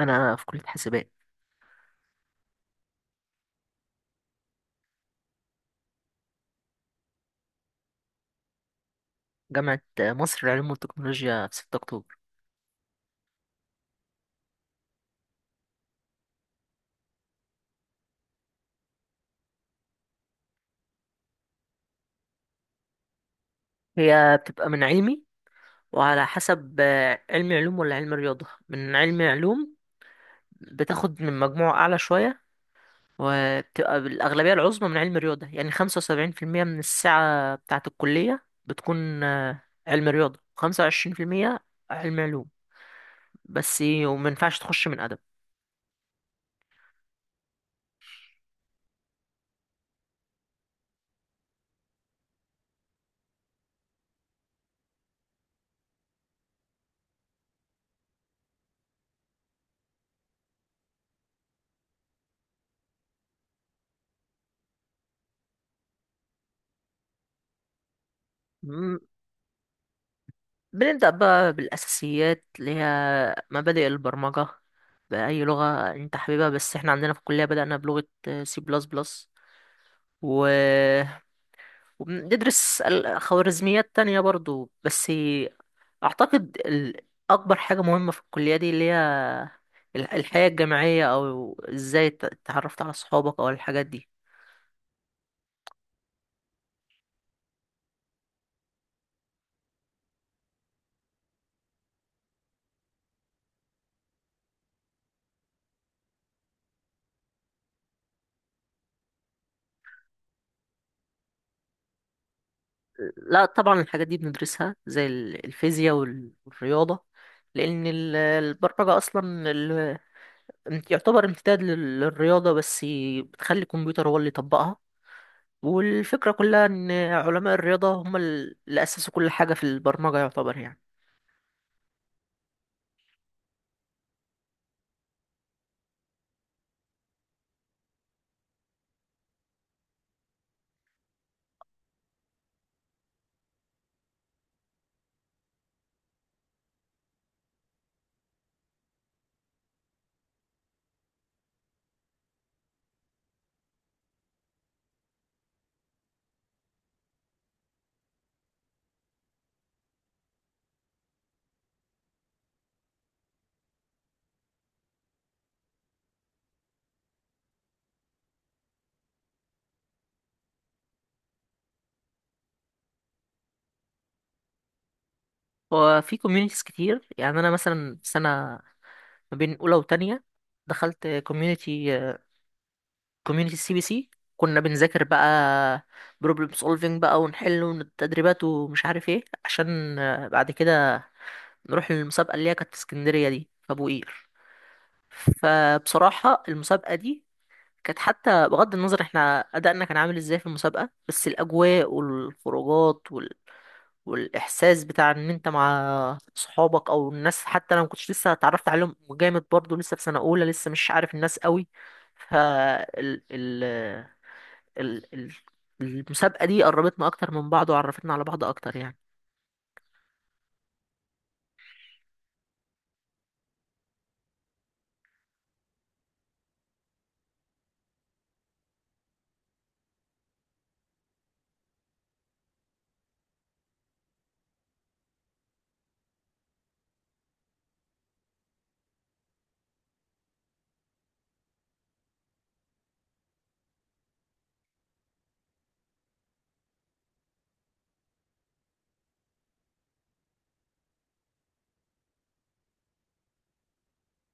انا في كليه حاسبات جامعه مصر للعلوم والتكنولوجيا في 6 اكتوبر. هي بتبقى من علمي، وعلى حسب علم علوم ولا علم رياضه. من علم علوم بتاخد من مجموع اعلى شويه، وبتبقى الاغلبيه العظمى من علم رياضه، يعني 75% من الساعه بتاعه الكليه بتكون علم رياضه، 25% علم علوم بس. ومينفعش تخش من ادب. بنبدأ بقى بالأساسيات اللي هي مبادئ البرمجة، بأي لغة أنت حاببها، بس إحنا عندنا في الكلية بدأنا بلغة سي بلس بلس و... وبندرس خوارزميات تانية برضو. بس أعتقد أكبر حاجة مهمة في الكلية دي اللي هي الحياة الجامعية، أو إزاي اتعرفت على صحابك أو الحاجات دي. لا طبعا، الحاجات دي بندرسها زي الفيزياء والرياضة، لأن البرمجة أصلا انت يعتبر امتداد للرياضة، بس بتخلي الكمبيوتر هو اللي يطبقها. والفكرة كلها ان علماء الرياضة هم اللي اسسوا كل حاجة في البرمجة يعتبر يعني. وفي كوميونيتيز كتير. يعني انا مثلا سنة ما بين اولى وتانية، دخلت كوميونيتي، كوميونيتي سي بي سي. كنا بنذاكر بقى بروبلم سولفينج بقى، ونحل والتدريبات ومش عارف ايه، عشان بعد كده نروح للمسابقة اللي هي كانت في اسكندرية، دي في ابو قير. فبصراحة المسابقة دي كانت، حتى بغض النظر احنا ادائنا كان عامل ازاي في المسابقة، بس الاجواء والخروجات والاحساس بتاع ان انت مع صحابك او الناس، حتى انا ما كنتش لسه اتعرفت عليهم جامد، برضو لسه في سنة اولى، لسه مش عارف الناس قوي. ف ال... ال... ال... ال... المسابقة دي قربتنا اكتر من بعض، وعرفتنا على بعض اكتر يعني.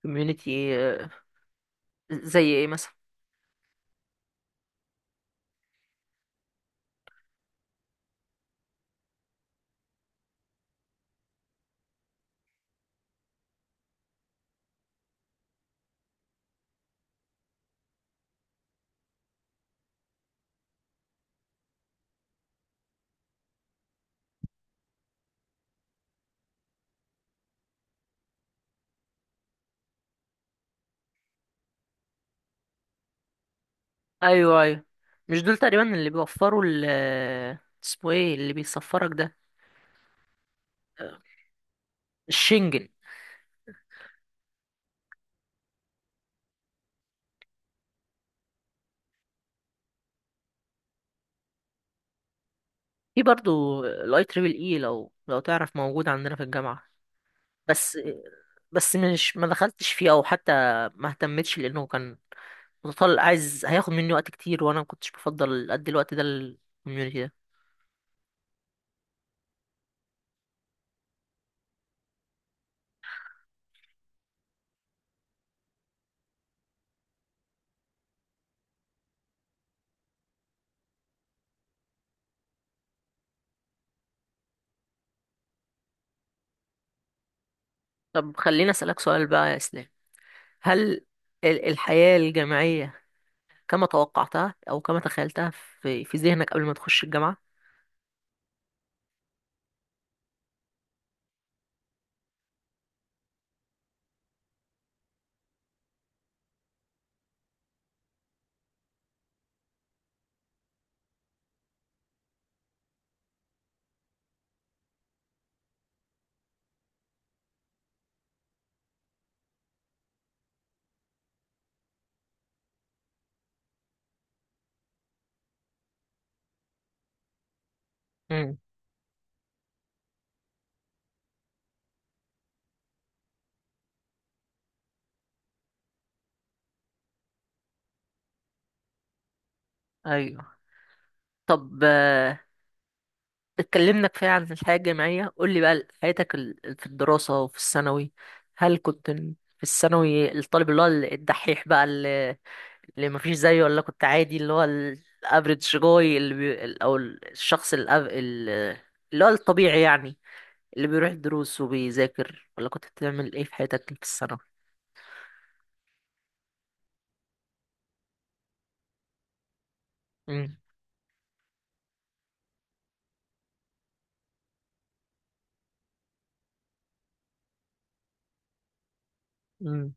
كوميونيتي؟ زي ايه مثلا؟ ايوه، ايوه، مش دول تقريبا اللي بيوفروا اسمه ايه اللي بيسفرك ده؟ الشنجن. في برضو الاي تريبل اي، لو تعرف، موجود عندنا في الجامعة. بس بس مش ما دخلتش فيه، او حتى ما اهتمتش لانه كان متطلع، عايز هياخد مني وقت كتير، وانا ما كنتش بفضل ادي الوقت ده للكوميونتي ده. طب خليني اسالك سؤال بقى يا اسلام. هل الحياة الجامعية كما توقعتها او كما تخيلتها في ذهنك قبل ما تخش الجامعة؟ امم. ايوه. طب، اتكلمنا كفاية عن الحياة الجامعية. قول لي بقى حياتك في الدراسة وفي الثانوي. هل كنت في الثانوي الطالب اللي هو الدحيح بقى، اللي مفيش زيه، ولا كنت عادي اللي هو الافريج جوي، اللي بي... ال- او ال- الشخص الأف... ال- اللي هو الطبيعي يعني، اللي بيروح الدروس وبيذاكر، ولا كنت بتعمل ايه في حياتك في الثانوي؟ امم. امم.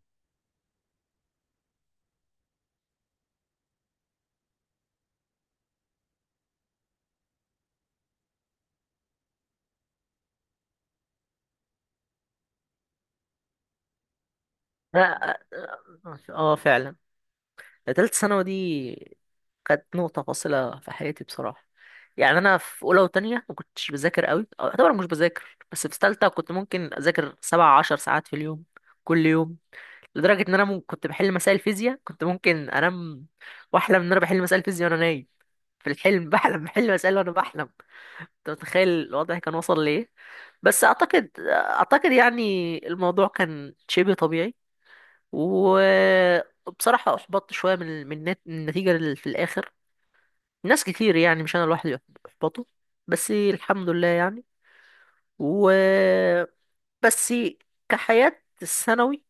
اه آه، آه، فعلا. تالتة ثانوي دي كانت نقطة فاصلة في حياتي بصراحة. يعني أنا في أولى وتانية ما كنتش بذاكر قوي، أو أعتبر مش بذاكر. بس في تالتة كنت ممكن أذاكر 17 ساعات في اليوم، كل يوم. لدرجة إن أنا كنت بحل مسائل فيزياء، كنت ممكن أنام وأحلم إن أنا بحل مسائل فيزياء وأنا نايم. في الحلم بحلم بحل مسائل وأنا بحلم. أنت متخيل الوضع كان وصل لإيه؟ بس أعتقد يعني الموضوع كان شبه طبيعي. وبصراحة أحبطت شوية من النتيجة اللي في الآخر. ناس كتير، يعني مش أنا لوحدي اللي أحبطوا. بس الحمد لله يعني. و بس كحياة الثانوي،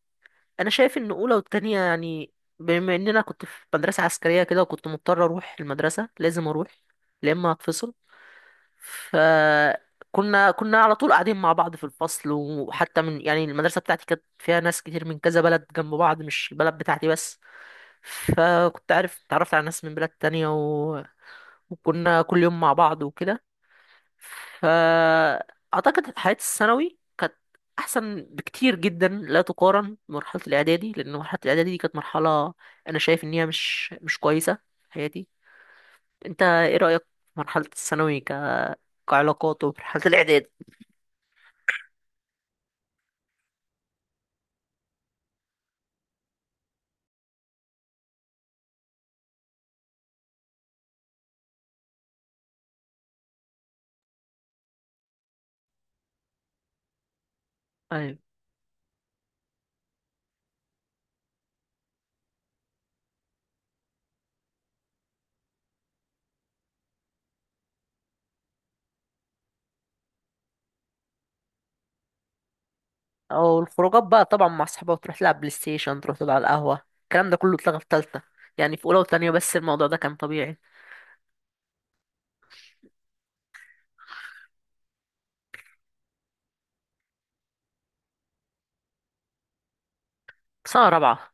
أنا شايف إن أولى والتانية يعني، بما إن أنا كنت في مدرسة عسكرية كده، وكنت مضطر أروح المدرسة، لازم أروح يا إما هتفصل، فكنا على طول قاعدين مع بعض في الفصل. وحتى من، يعني المدرسة بتاعتي كانت فيها ناس كتير من كذا بلد جنب بعض، مش البلد بتاعتي بس. فكنت عارف اتعرفت على ناس من بلاد تانية، وكنا كل يوم مع بعض وكده. فأعتقد حياة الثانوي كانت أحسن بكتير جدا، لا تقارن بمرحلة الإعدادي، لأن مرحلة الإعدادي دي كانت مرحلة أنا شايف إن هي مش كويسة في حياتي. أنت إيه رأيك في مرحلة الثانوي كعلاقات ومرحلة الإعدادي؟ أيوة. أو الخروجات بقى طبعا، مع أصحابك تروح تلعب بلاي ستيشن، تروح تقعد على القهوة، الكلام ده كله اتلغى في تالتة. يعني في أولى وتانية بس، الموضوع ده كان طبيعي. سنة رابعة.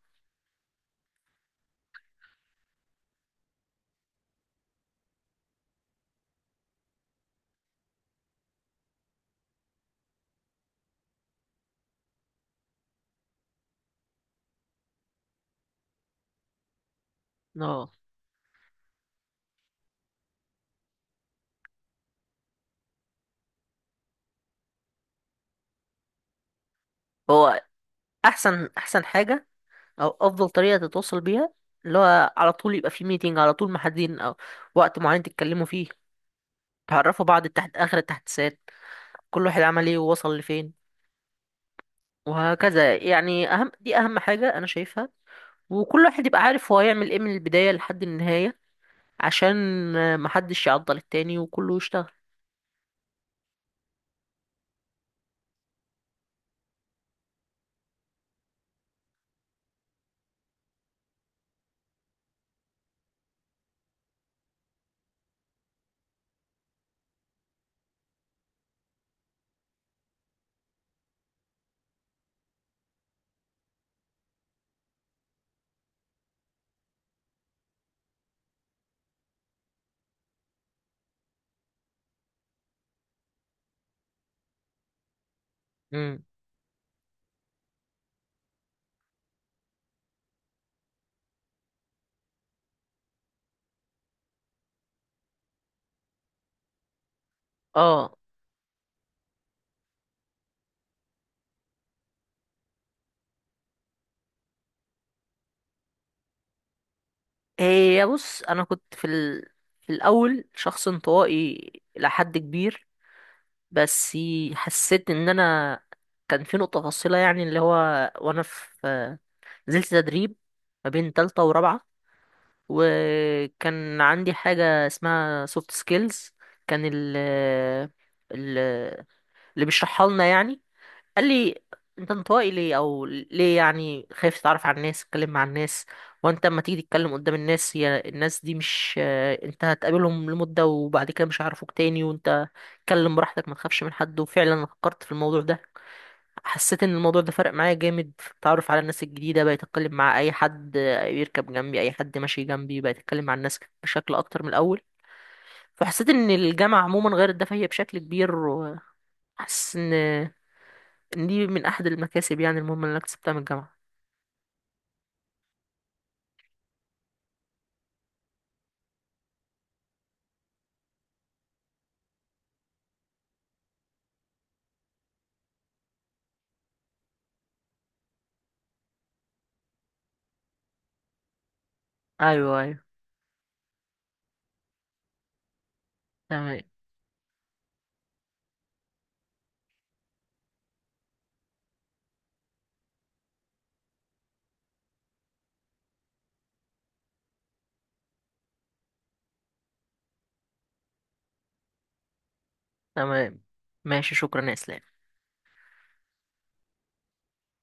اه. هو احسن حاجه، او افضل طريقه تتواصل بيها، اللي هو على طول يبقى في ميتنج، على طول محددين او وقت معين تتكلموا فيه، تعرفوا بعض تحت اخر التحديثات، كل واحد عمل ايه ووصل لفين، وهكذا يعني. اهم، دي اهم حاجه انا شايفها. وكل واحد يبقى عارف هو هيعمل ايه من البدايه لحد النهايه، عشان محدش يعضل التاني وكله يشتغل. امم. اه. هي بص، انا كنت في الاول شخص انطوائي لحد كبير، بس حسيت ان انا كان في نقطة فاصلة، يعني اللي هو وانا في، نزلت تدريب ما بين تالتة ورابعة، وكان عندي حاجة اسمها سوفت سكيلز. كان ال ال- اللي بيشرحها لنا يعني قال لي: انت انطوائي ليه، او ليه يعني خايف تتعرف على الناس، تتكلم مع الناس؟ وانت اما تيجي تتكلم قدام الناس، هي الناس دي، مش انت هتقابلهم لمدة وبعد كده مش هيعرفوك تاني، وانت اتكلم براحتك، ما تخافش من حد. وفعلا أنا فكرت في الموضوع ده. حسيت ان الموضوع ده فرق معايا جامد في التعرف على الناس الجديده، بقيت اتكلم مع اي حد بيركب جنبي، اي حد ماشي جنبي بقيت اتكلم مع الناس بشكل اكتر من الاول. فحسيت ان الجامعه عموما غير ده فهي بشكل كبير. وحاسس ان دي من احد المكاسب، يعني المهمه اللي انا اكتسبتها من الجامعه. ايوه، ايوه. تمام، تمام. ماشي، شكرا يا اسلام.